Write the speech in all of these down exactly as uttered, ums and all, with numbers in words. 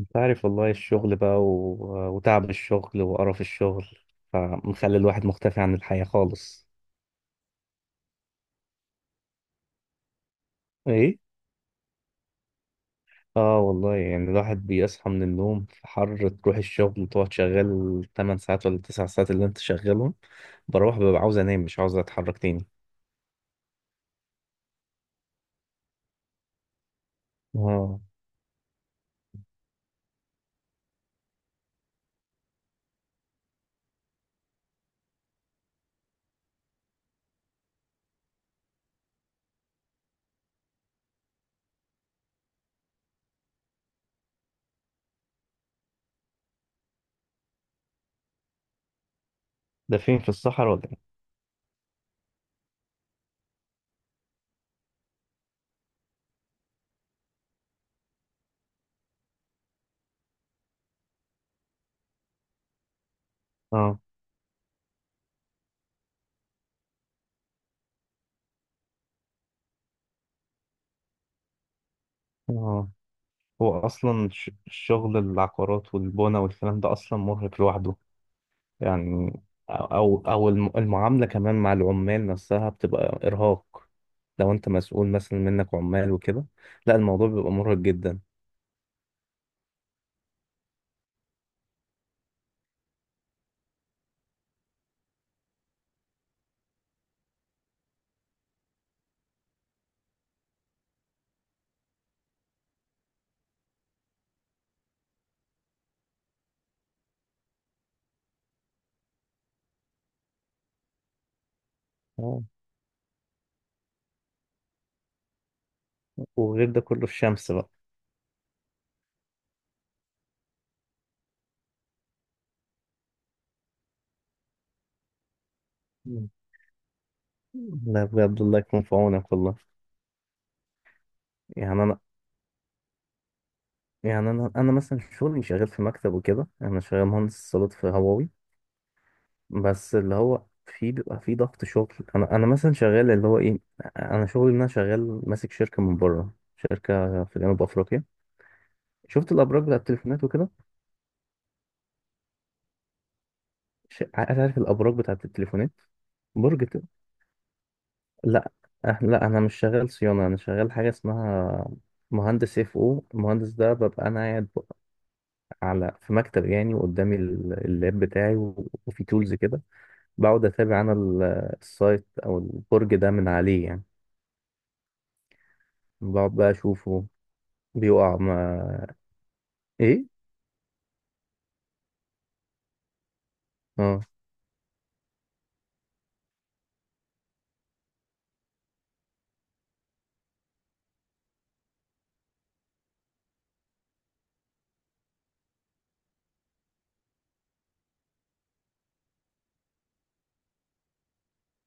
انت عارف والله الشغل بقى و... وتعب الشغل وقرف الشغل، فمخلي الواحد مختفي عن الحياة خالص. ايه. اه والله، يعني الواحد بيصحى من النوم في حر، تروح الشغل تقعد شغال 8 ساعات ولا 9 ساعات اللي انت شغالهم. بروح ببقى عاوز انام، مش عاوز اتحرك تاني. اه. ده فين، في الصحراء ولا ايه؟ اه اه. هو اصلا ش- الشغل، العقارات والبنى والكلام ده اصلا مرهق لوحده يعني. او او الم- المعامله كمان مع العمال نفسها بتبقى ارهاق، لو انت مسؤول مثلا منك عمال وكده. لا الموضوع بيبقى مرهق جدا. آه، وغير ده كله الشمس بقى. مم. لا بجد الله يكون في عونك والله. يعني انا يعني انا انا مثلا شغلي شغال في مكتب وكده، انا شغال مهندس اتصالات في هواوي. بس اللي هو في بيبقى في ضغط شغل. انا انا مثلا شغال اللي هو ايه، انا شغلي ان انا شغال ماسك شركه من بره، شركه في جنوب افريقيا. شفت الابراج بتاعت التليفونات وكده؟ ش- عارف الابراج بتاعت التليفونات؟ برج ت... لا. أه لا انا مش شغال صيانه، انا شغال حاجه اسمها مهندس اف او. المهندس ده ببقى انا قاعد ب- على في مكتب يعني، وقدامي ال- اللاب بتاعي و- وفي تولز كده. بقعد اتابع انا ال- السايت او البرج ده من عليه يعني. بقعد بقى اشوفه بيقع ما ايه. اه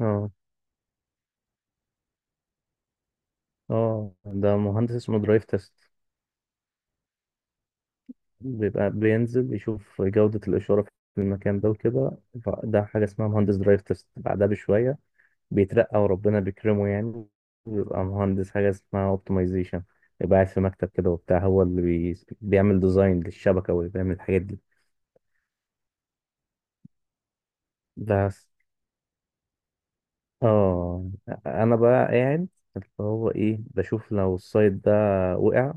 اه اه. ده مهندس اسمه درايف تيست، بيبقى بينزل يشوف جودة الإشارة في المكان ده وكده. ف- ده حاجة اسمها مهندس درايف تيست. بعدها بشوية بيترقى وربنا بيكرمه يعني، بيبقى مهندس حاجة اسمها اوبتمايزيشن. يبقى قاعد في مكتب كده وبتاع، هو اللي بي... بيعمل ديزاين للشبكة، واللي بيعمل الحاجات دي. بس. اه أنا بقى قاعد، اللي هو إيه، بشوف لو السايت ده وقع،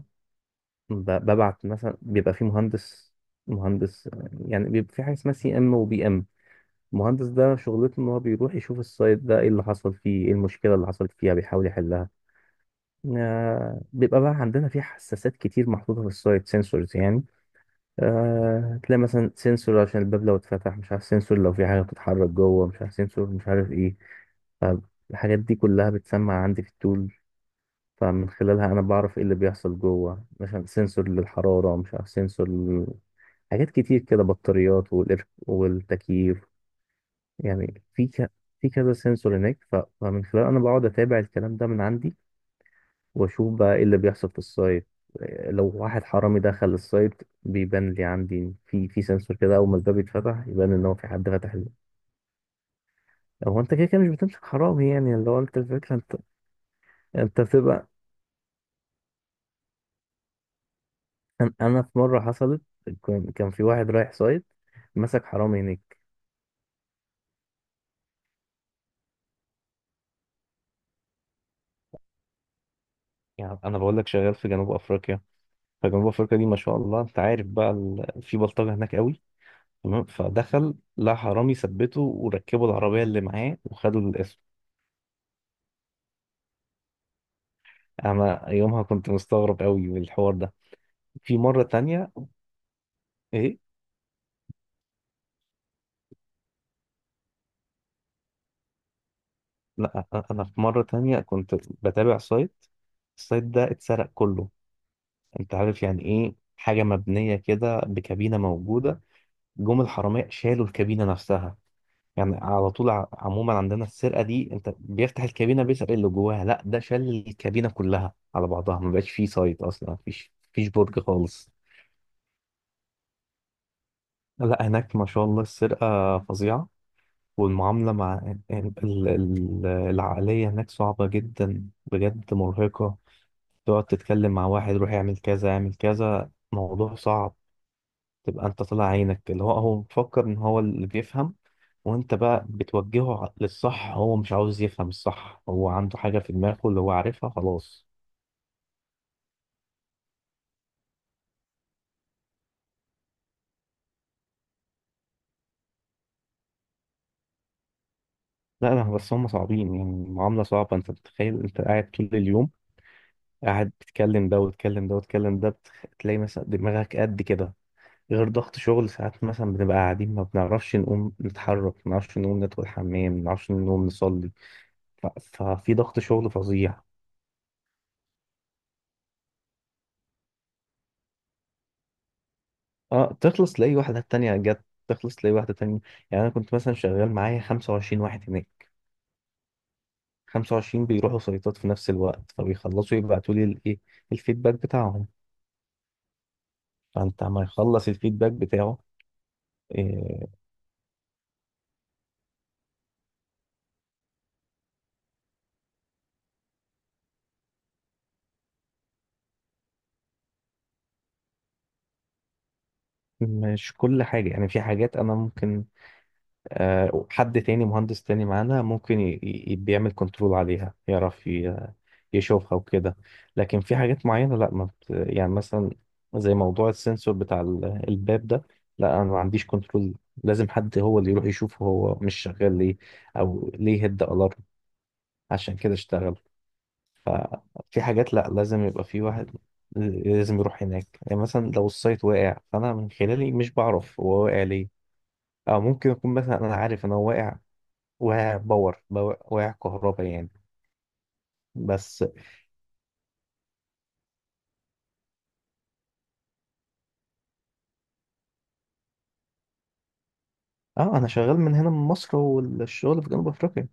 ب- ببعت مثلا، بيبقى في مهندس مهندس يعني، بيبقى في حاجة اسمها سي ام وبي ام. المهندس ده شغلته ان هو بيروح يشوف السايت ده ايه اللي حصل فيه، ايه المشكله اللي حصلت فيها، بيحاول يحلها. آه بيبقى بقى عندنا في حساسات كتير محطوطه في السايت، سنسورز يعني. آه تلاقي مثلا سنسور عشان الباب لو اتفتح مش عارف، سنسور لو في حاجه بتتحرك جوه مش عارف، سنسور مش عارف ايه. فالحاجات دي كلها بتسمع عندي في التول. فمن خلالها انا بعرف ايه اللي بيحصل جوه، مثلا سنسور للحراره مش عارف، سنسور لل- حاجات كتير كده، بطاريات والإر- والتكييف يعني. في ك... في كذا سنسور هناك. ف... فمن خلال انا بقعد اتابع الكلام ده من عندي، واشوف بقى ايه اللي بيحصل في السايت. لو واحد حرامي دخل السايت بيبان لي عندي في في سنسور كده، اول ما الباب يتفتح يبان ان هو في حد فتح له. هو انت كده كده مش بتمسك حرامي يعني، اللي هو انت الفكره انت. انت بتبقى، أن- انا في مره حصلت، كان كان في واحد رايح سايت مسك حرامي هناك. يعني انا بقول لك شغال في جنوب افريقيا، فجنوب افريقيا دي ما شاء الله انت عارف بقى ال... في بلطجه هناك قوي. تمام. فدخل لقى حرامي، ثبته وركبوا العربية اللي معاه وخدوا الاسم. أنا يومها كنت مستغرب قوي من الحوار ده. في مرة تانية. إيه؟ لا أنا في مرة تانية كنت بتابع سايت، السايت ده اتسرق كله. أنت عارف يعني إيه حاجة مبنية كده بكابينة موجودة؟ جم الحرامية شالوا الكابينة نفسها. يعني على طول، ع- عموما عندنا السرقة دي، أنت بيفتح الكابينة بيسرق اللي جواها، لا ده شال الكابينة كلها على بعضها، ما بقاش فيه سايت أصلا، مفيش مفيش برج خالص. لا هناك ما شاء الله السرقة فظيعة. والمعاملة مع ال- ال- ال- العقلية هناك صعبة جدا بجد، مرهقة. تقعد تتكلم مع واحد، روح اعمل كذا اعمل كذا، موضوع صعب. تبقى انت طالع عينك، اللي هو هو مفكر ان هو اللي بيفهم، وانت بقى بتوجهه للصح، هو مش عاوز يفهم الصح، هو عنده حاجة في دماغه اللي هو عارفها خلاص. لا لا، بس هم صعبين يعني، معاملة صعبة. انت بتخيل انت قاعد طول اليوم قاعد بتتكلم ده وتتكلم ده وتتكلم ده، بتخ... تلاقي مثلا دماغك قد كده. غير ضغط شغل ساعات، مثلا بنبقى قاعدين ما بنعرفش نقوم نتحرك، ما بنعرفش نقوم ندخل الحمام، ما بنعرفش نقوم نصلي. ف... ففي ضغط شغل فظيع. اه، تخلص تلاقي واحدة تانية جت، تخلص تلاقي واحدة تانية. يعني أنا كنت مثلا شغال معايا 25 واحد هناك، خمسة وعشرين بيروحوا سيطات في نفس الوقت، فبيخلصوا يبعتوا لي الايه، الفيدباك بتاعهم، فأنت ما يخلص الفيدباك بتاعه. إيه، مش كل حاجة يعني، في حاجات أنا ممكن، آه، حد تاني مهندس تاني معانا ممكن ي- ي- بيعمل كنترول عليها، يعرف ي- يشوفها وكده. لكن في حاجات معينة لا، ما بت... يعني مثلا، زي موضوع السنسور بتاع ال- الباب ده، لا انا ما عنديش كنترول، لازم حد هو اللي يروح يشوف هو مش شغال ليه، او ليه هيد الارم، عشان كده اشتغل. ففي حاجات لا لازم يبقى في واحد، لازم يروح هناك. يعني مثلا لو السايت واقع فانا من خلالي مش بعرف هو واقع ليه، او ممكن اكون مثلا انا عارف ان هو واقع، واقع باور، باور- واقع كهرباء يعني. بس. اه انا شغال من هنا من مصر والشغل في جنوب افريقيا.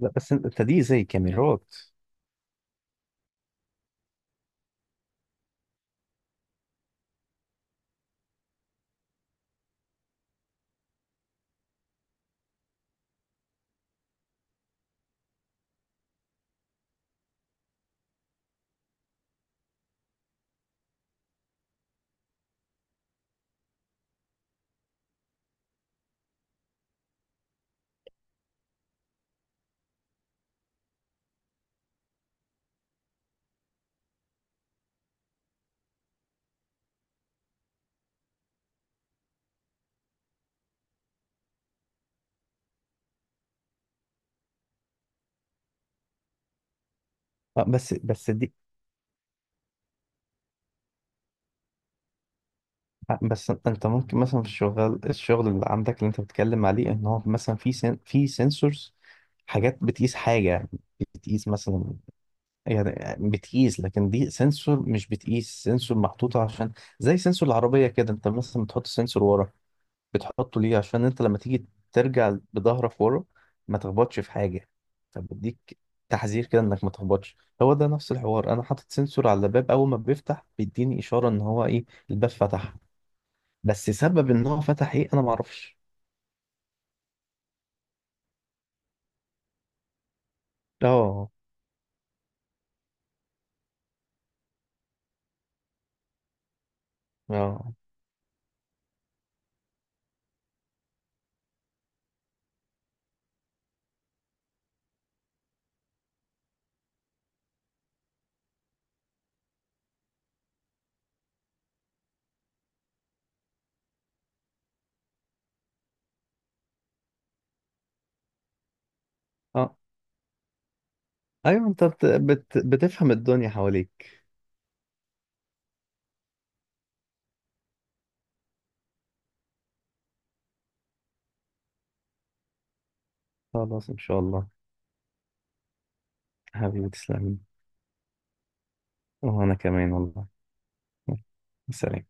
لا بس انت دي زي كاميرات. آه بس بس دي، آه بس انت ممكن مثلا في الشغل الشغل اللي عندك اللي انت بتتكلم عليه، ان هو مثلا في سن في سنسورز، حاجات بتقيس حاجة، بتقيس مثلا، يعني آه، بتقيس، لكن دي سنسور مش بتقيس، سنسور محطوطة عشان زي سنسور العربية كده، انت مثلا بتحط سنسور ورا، بتحطه ليه؟ عشان انت لما تيجي ترجع بظهرك ورا ما تخبطش في حاجه، فبديك تحذير كده انك ما تخبطش. هو ده نفس الحوار، انا حاطط سنسور على الباب اول ما بيفتح بيديني اشاره ان هو ايه، الباب فتح. بس سبب ان هو فتح ايه انا ما اعرفش. اه اه اه. ايوه انت بت... بت... بتفهم الدنيا حواليك. خلاص ان شاء الله. حبيبي تسلمي. وانا كمان والله. سلام.